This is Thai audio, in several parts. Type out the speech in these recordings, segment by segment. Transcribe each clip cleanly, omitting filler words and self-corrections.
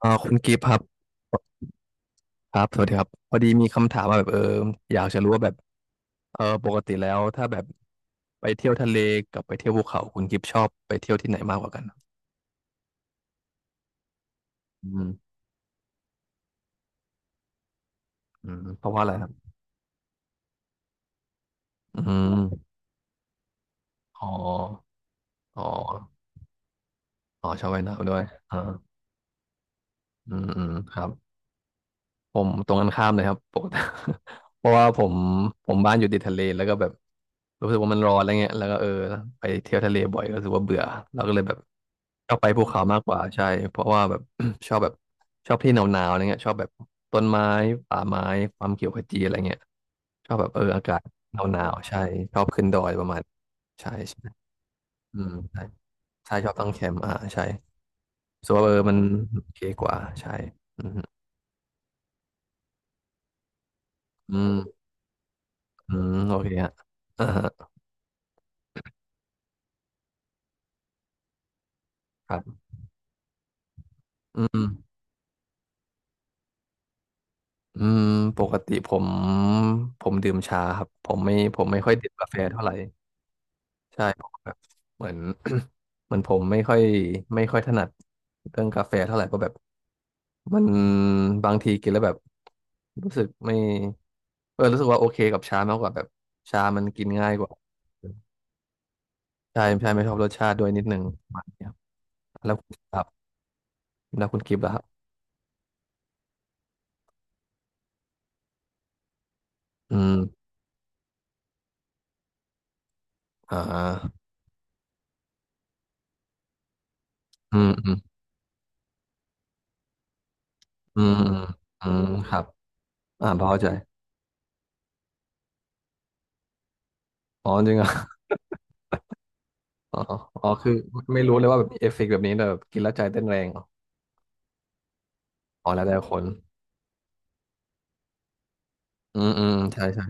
คุณกิฟต์ครับครับสวัสดีครับพอดีมีคำถามมาแบบอยากจะรู้ว่าแบบปกติแล้วถ้าแบบไปเที่ยวทะเลกับไปเที่ยวภูเขาคุณกิฟต์ชอบไปเที่ยวที่ไหนมากกว่ากันอืมอืมเพราะว่าอะไรครับอืมอ๋ออ๋ออ๋อชอบว่ายน้ำด้วยอ่าอืมอืมครับ ผมตรงกันข้ามเลยครับปกติ เพราะว่าผมบ้านอยู่ติดทะเลแล้วก็แบบรู้สึกว่ามันร้อนอะไรเงี้ยแล้วก็ไปเที่ยวทะเลบ่อยก็รู้สึกว่าเบื่อเราก็เลยแบบชอบไปภูเขามากกว่าใช่เพราะว่าแบบ ชอบแบบชอบที่หนาวๆอะไรเงี้ยชอบแบบต้นไม้ป่าไม้ความเขียวขจีอะไรเงี้ยชอบแบบอากาศหนาวๆใช่ชอบขึ้นดอยประมาณใช่ใช่อืมใช่ใช่ชอบตั้งแคมป์อ่าใช่ส่วนว่ามันโอเคกว่าใช่อืมอืมอืมโอเคฮะอ่า ครับอืมอืมปกติผม ผมดื่มชาครับ ผมไม่ค่อยดื่มกาแฟเท่าไหร่ใช่ผมแบบเหมือน เหมือนผมไม่ค่อย ไม่ค่อยถนัดเรื่องกาแฟเท่าไหร่เพราะแบบมันบางทีกินแล้วแบบรู้สึกไม่รู้สึกว่าโอเคกับชามากกว่าแบบชามันกินง่ายกว่าใช่ใช่ไม่ชอบรสชาติด้วยนิดหนึ่งประมาณเนี้ยแล้วคุณครับแล้วคุณกิฟต์ล่ะครับอืมอ่าอืมอืมอืมอืมอืมครับอ่าพอใจ อ๋อจริงอ่ะ อ๋ออ๋อคือไม่รู้เลยว่าแบบเอฟเฟกต์แบบนี้แต่แบบกินแล้วใจเต้นแรงเหรออ๋อแล้วแต่คนอืมอืมใช่ใช่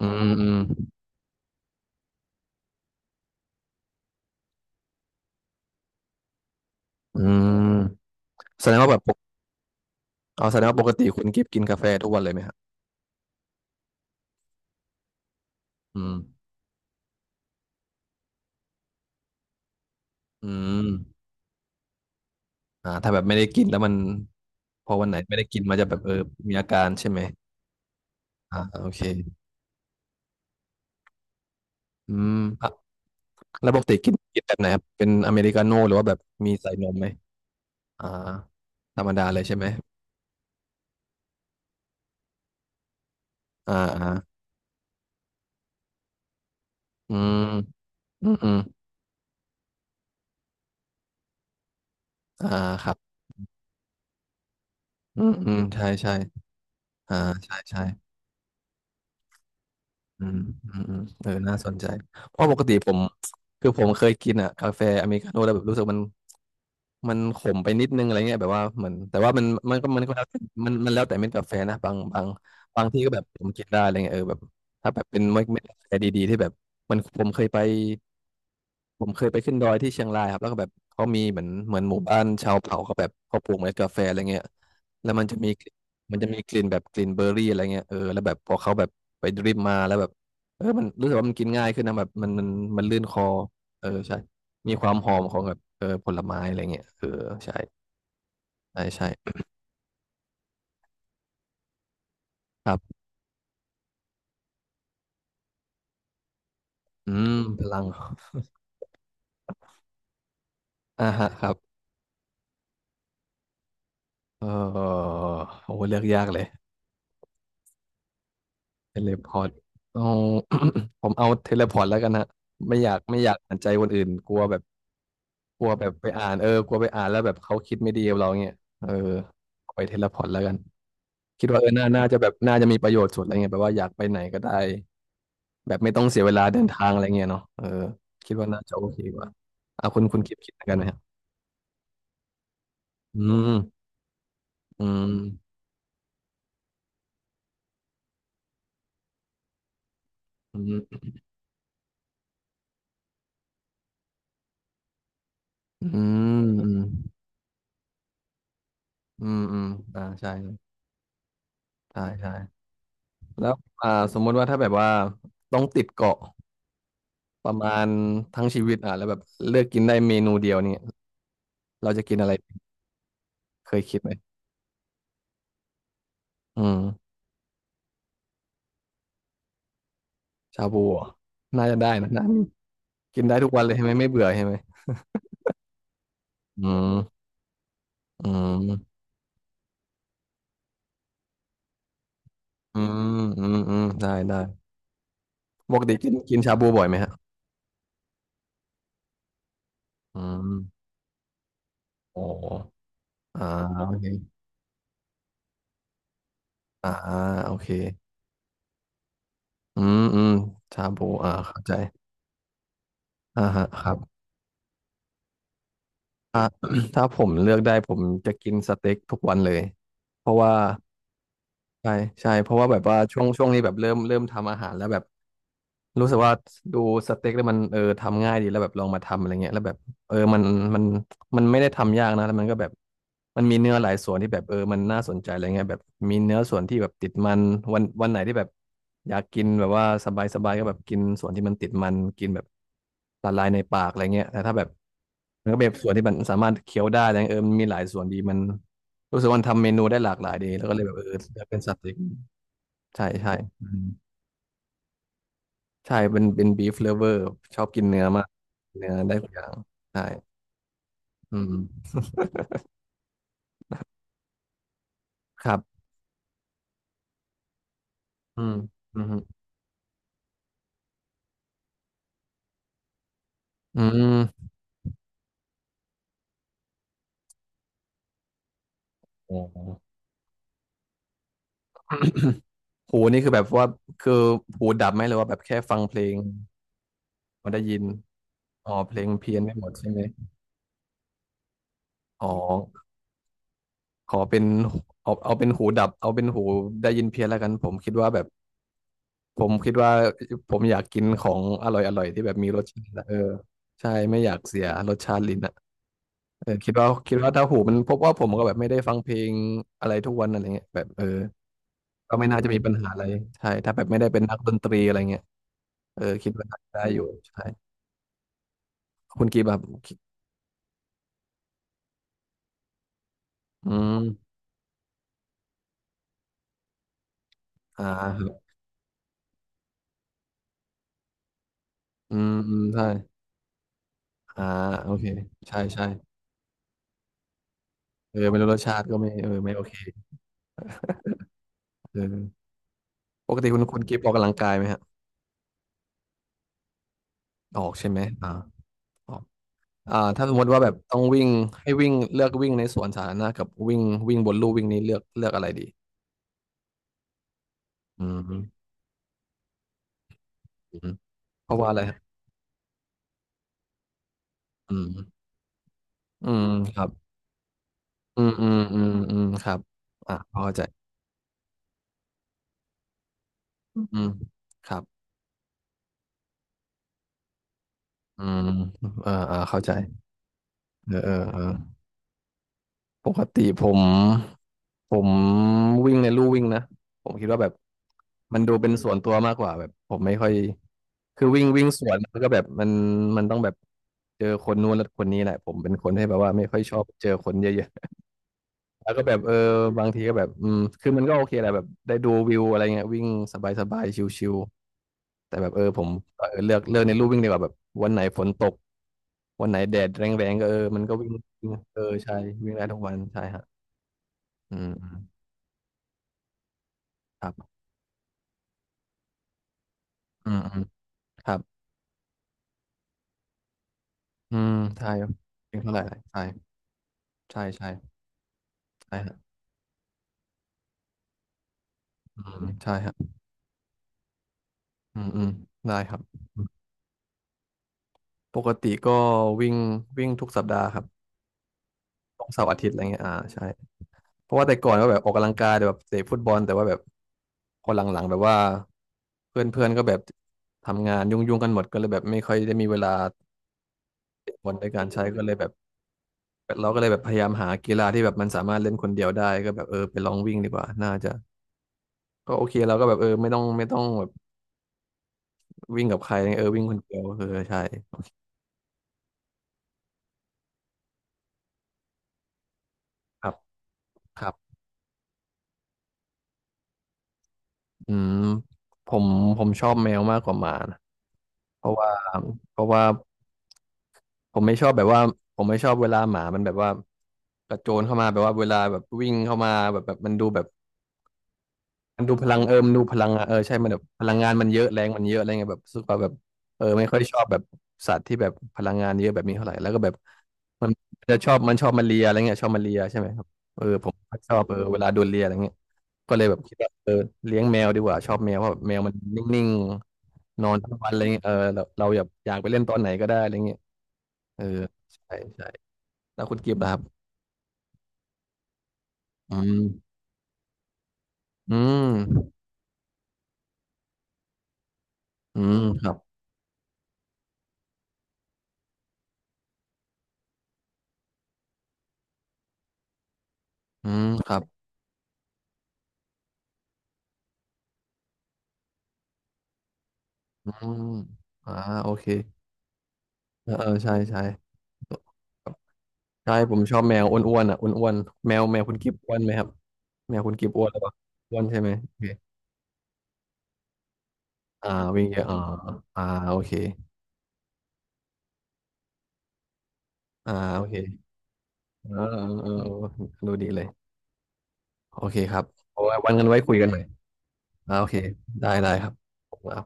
อืมอืมอืมแสดงว่าแบบปกอ๋อาแสดงว่าปกติคุณกิฟกินกาแฟทุกวันเลยไหมครับอืมอืมอ่าถ้าแบบไม่ได้กินแล้วมันพอวันไหนไม่ได้กินมันจะแบบมีอาการใช่ไหมอ่าโอเคอืมอ่ะแล้วปกติกินกินแบบไหนครับเป็นอเมริกาโน่หรือว่าแบบมีใส่นมไหมอ่าธรรมดาเลยใช่ไหมอ่าอ่าอืมอืมอืมอ่าครับ อืมอืมใช่ใช่อ่าใช่ใช่อืมอืมอืมน่าสนใจเพราะปกติผมคือผมเคยกินอ่ะกาแฟอเมริกาโน่แล้วแบบรู้สึกมันมันขมไปนิดนึงอะไรเงี้ยแบบว่าเหมือนแต่ว่ามันมันก็แล้วแต่มันแล้วแต่เม็ดกาแฟนะบางบางบางที่ก็แบบผมกินได้อะไรเงี้ยแบบถ้าแบบเป็นเม็ดกาแฟดีๆที่แบบมันผมเคยไปขึ้นดอยที่เชียงรายครับแล้วก็แบบเขามีเหมือนเหมือนหมู่บ้านชาวเผ่าก็แบบเขาปลูกเมล็ดกาแฟอะไรเงี้ยแล้วมันจะมี มันจะมีกลิ่นแบบกลิ่นเบอร์รี่อะไรเงี้ยแล้วแบบพอเขาแบบไปดริปมาแล้วแบบมันรู้สึกว่ามันกินง่ายขึ้นนะแบบมันมันลื่นคอใช่มีความหอมของแบบผลไม้อะไรเงี้ยใช่ใช่ใช่ครับอืมพลังอ่าฮะครับเออโอ้เลือกยากเลยเทเลพอร์ตเอา ผมเอาเทเลพอร์ตแล้วกันฮะไม่อยากอ่านใจคนอื่นกลัวแบบกลัวแบบไปอ่านกลัวไปอ่านแล้วแบบเขาคิดไม่ดีกับเราเงี้ยเออเอาไปเทเลพอร์ตแล้วกัน คิดว่าน่าน่าจะแบบน่าจะมีประโยชน์สุดอะไรเงี้ยแบบว่าอยากไปไหนก็ได้แบบไม่ต้องเสียเวลาเดินทางอะไรเงี้ยเนาะเออคิดว่าน่าจะโอเคกว่าอ่ะคุณคิดเหมือนกันไหมครับอืมอืมอืมอืมอืมอืมอืมอ่าใช่ใช่ใช่แล้วอ่าสมมติว่าถ้าแบบว่าต้องติดเกาะประมาณทั้งชีวิตอ่ะแล้วแบบเลือกกินได้เมนูเดียวเนี่ยเราจะกินอะไรเคยคิดไหมอืมชาบูเหรอน่าจะได้นะน่ากินได้ทุกวันเลยใช่ไหมไม่เบื่อใช่ไหมอืมอืม อืมอืมอืมได้ได้ปกติกินกินชาบูบ่อยไหมฮะอืมโอ้อ่าโอเคอ่าโอเคอืมอืมชาบูอ่าเข้าใจอ่าฮะครับ ถ้าผมเลือกได้ผมจะกินสเต็กทุกวันเลย เพราะว่าใช่ใช่เพราะว่าแบบว่าช่วงนี้แบบเริ่มทำอาหารแล้วแบบ รู้สึกว่าดูสเต็กแล้วมันเออทำง่ายดีแล้วแบบลองมาทำอะไรเงี้ยแล้วแบบเออมันมันไม่ได้ทำยากนะแล้วมันก็แบบมันมีเนื้อหลายส่วนที่แบบเออมันน่าสนใจอะไรเงี้ยแบบมีเนื้อส่วนที่แบบติดมันวันไหนที่แบบอยากกินแบบว่าสบายสบายก็แบบกินส่วนที่มันติดมันกินแบบละลายในปากอะไรเงี้ยแต่ถ้าแบบมันก็แบบส่วนที่มันสามารถเคี้ยวได้อะไรเงี้ยเออมันมีหลายส่วนดีมันรู้สึกว่ามันทำเมนูได้หลากหลายดีแล้วก็เลยแบบเออเลือกเป็นสเต็กใช่ใช่อืม ใช่เป็นบีฟเลเวอร์ชอบกินเนื้อมากเนื้อได้ทุกอย่างใช่อืมครับอืมอืมอืมโอ้โห หูนี่คือแบบว่าคือหูดับไหมหรือว่าแบบแค่ฟังเพลงพอได้ยินอ๋อเพลงเพี้ยนไม่หมดใช่ไหมอ๋อขอเป็นเอาเป็นหูดับเอาเป็นหูได้ยินเพี้ยนแล้วกันผมคิดว่าแบบผมคิดว่าผมอยากกินของอร่อยอร่อยที่แบบมีรสชาติอะเออใช่ไม่อยากเสียรสชาติลิ้นอะ เออคิดว่าคิดว่าถ้าหูมันพบว่าผมก็แบบไม่ได้ฟังเพลงอะไรทุกวันอะไรเงี้ยแบบเออก็ไม่น่าจะมีปัญหาอะไรใช่ถ้าแบบไม่ได้เป็นนักดนตรีอะไรเงี้ยเออคิดว่าน่าจะได้อยู่ใช่คุณกีบแบบอืมอ่าครับอืมอืมใช่อ่าโอเคใช่ใช่เออไม่รู้รสชาติก็ไม่เออไม่โอเคเออปกติคุณกีบออกกำลังกายไหมฮะออกใช่ไหมอ่าออกอ่าถ้าสมมติว่าแบบต้องวิ่งให้วิ่งเลือกวิ่งในสวนสาธารณะกับวิ่งวิ่งบนลู่วิ่งนี้เลือกอะไรดีอืมอืมเพราะว่าอะไร อืมอืมครับอืมอืมอืมอืมครับอ่ะเข้าใจอืมครับอืมเออเออเข้าใจเออเออเออปกติผมวิ่งในลู่วิ่งนะผมคิดว่าแบบมันดูเป็นส่วนตัวมากกว่าแบบผมไม่ค่อยคือวิ่งวิ่งสวนมันก็แบบมันมันต้องแบบเจอคนนู้นแล้วคนนี้แหละผมเป็นคนที่แบบว่าไม่ค่อยชอบเจอคนเยอะ แล้วก็แบบเออบางทีก็แบบอืมคือมันก็โอเคแหละแบบได้ดูวิวอะไรเงี้ยวิ่งสบายสบายชิวๆแต่แบบเออผมเออเลือกในลู่วิ่งดีกว่าแบบวันไหนฝนตกวันไหนแดดแรงๆก็เออมันก็วิ่งเออใช่วิ่งได้ทุกวันใช่ฮะอืมอืมครับอืมอืมครับอืมใช่ครับวิ่งเท่าไหร่ใช่ใช่ใช่ใช่ฮะอืมใช่ฮะอืมอืมได้ครับปกติก็วิ่งวิ่งทุกสัปดาห์ครับทุกเสาร์อาทิตย์อะไรเงี้ยอ่าใช่ เพราะว่าแต่ก่อนก็แบบออกกำลังกายแต่แบบเตะฟุตบอลแต่ว่าแบบพอหลังๆแบบว่าเพื่อนๆก็แบบทำงานยุ่งๆกันหมดก็เลยแบบไม่ค่อยได้มีเวลาเตะบอลด้วยการใช้ก็เลยแบบเราก็เลยแบบพยายามหากีฬาที่แบบมันสามารถเล่นคนเดียวได้ก็แบบเออไปลองวิ่งดีกว่าน่าจะก็โอเคเราก็แบบเออไม่ ต้องไม่ต้องแบบวิ่งกับใครเออวิ่งคนเดียวเออใช่ครับครับอืมผมผมชอบแมวมากกว่าหมานะเพราะว่าเพราะว่า ผมไม่ชอบแบบว่าผมไม่ชอบเวลาหมามันแบบว่ากระโจนเข้ามาแบบว่าเวลาแบบวิ่งเข้ามาแบบแบบมันดูแบบมันดูพลังเอิมนดูพลังอะเออใช่มันแบบพลังงานมันเยอะแรงมันเยอะอะไรเงี้ยแบบรู้สึกว่าแบบเออไม่ค่อยชอบแบบสัตว์ที่แบบพลังงานเยอะแบบนี้เท่าไหร่แล้วก็แบบมันจะชอบมันชอบมาเลียอะไรเงี้ยชอบมาเลียใช่ไหมครับเออผมก็ชอบเออเวลาโดนเลียอะไรเงี้ยก็เลยแบบคิดว่าเออเลี้ยงแมวดีกว่าชอบแมวเพราะแบบแมวมันนิ่งๆนอนทั้งวันอะไรเงี้ยเออเราอยากอยากไปเล่นตอนไหนก็ได้อะไรเงี้ยเออใช่ใช่แล้วคุณกิฟต์ล่ะครับ อืมอืมอืมครับอืมครับอืมอ่าโอเคเออเออใช่ ใช่ครับใช่ผมชอบแมวอ้วนๆอ่ะอ้วนๆแมวแมวคุณกิฟอ้วนไหมครับแมวคุณกิฟอ้วนหรือเปล่าอ้วนใช่ไหมโอเคอ่าวิ่งเยอะอ๋ออ่าโอเคอ่าโอเคเออเออเออดูดีเลยโอเคครับเอาไว้วันกันไว้คุยกันหน่อยอ่าโอเคได้ได้ครับขอบคุณครับ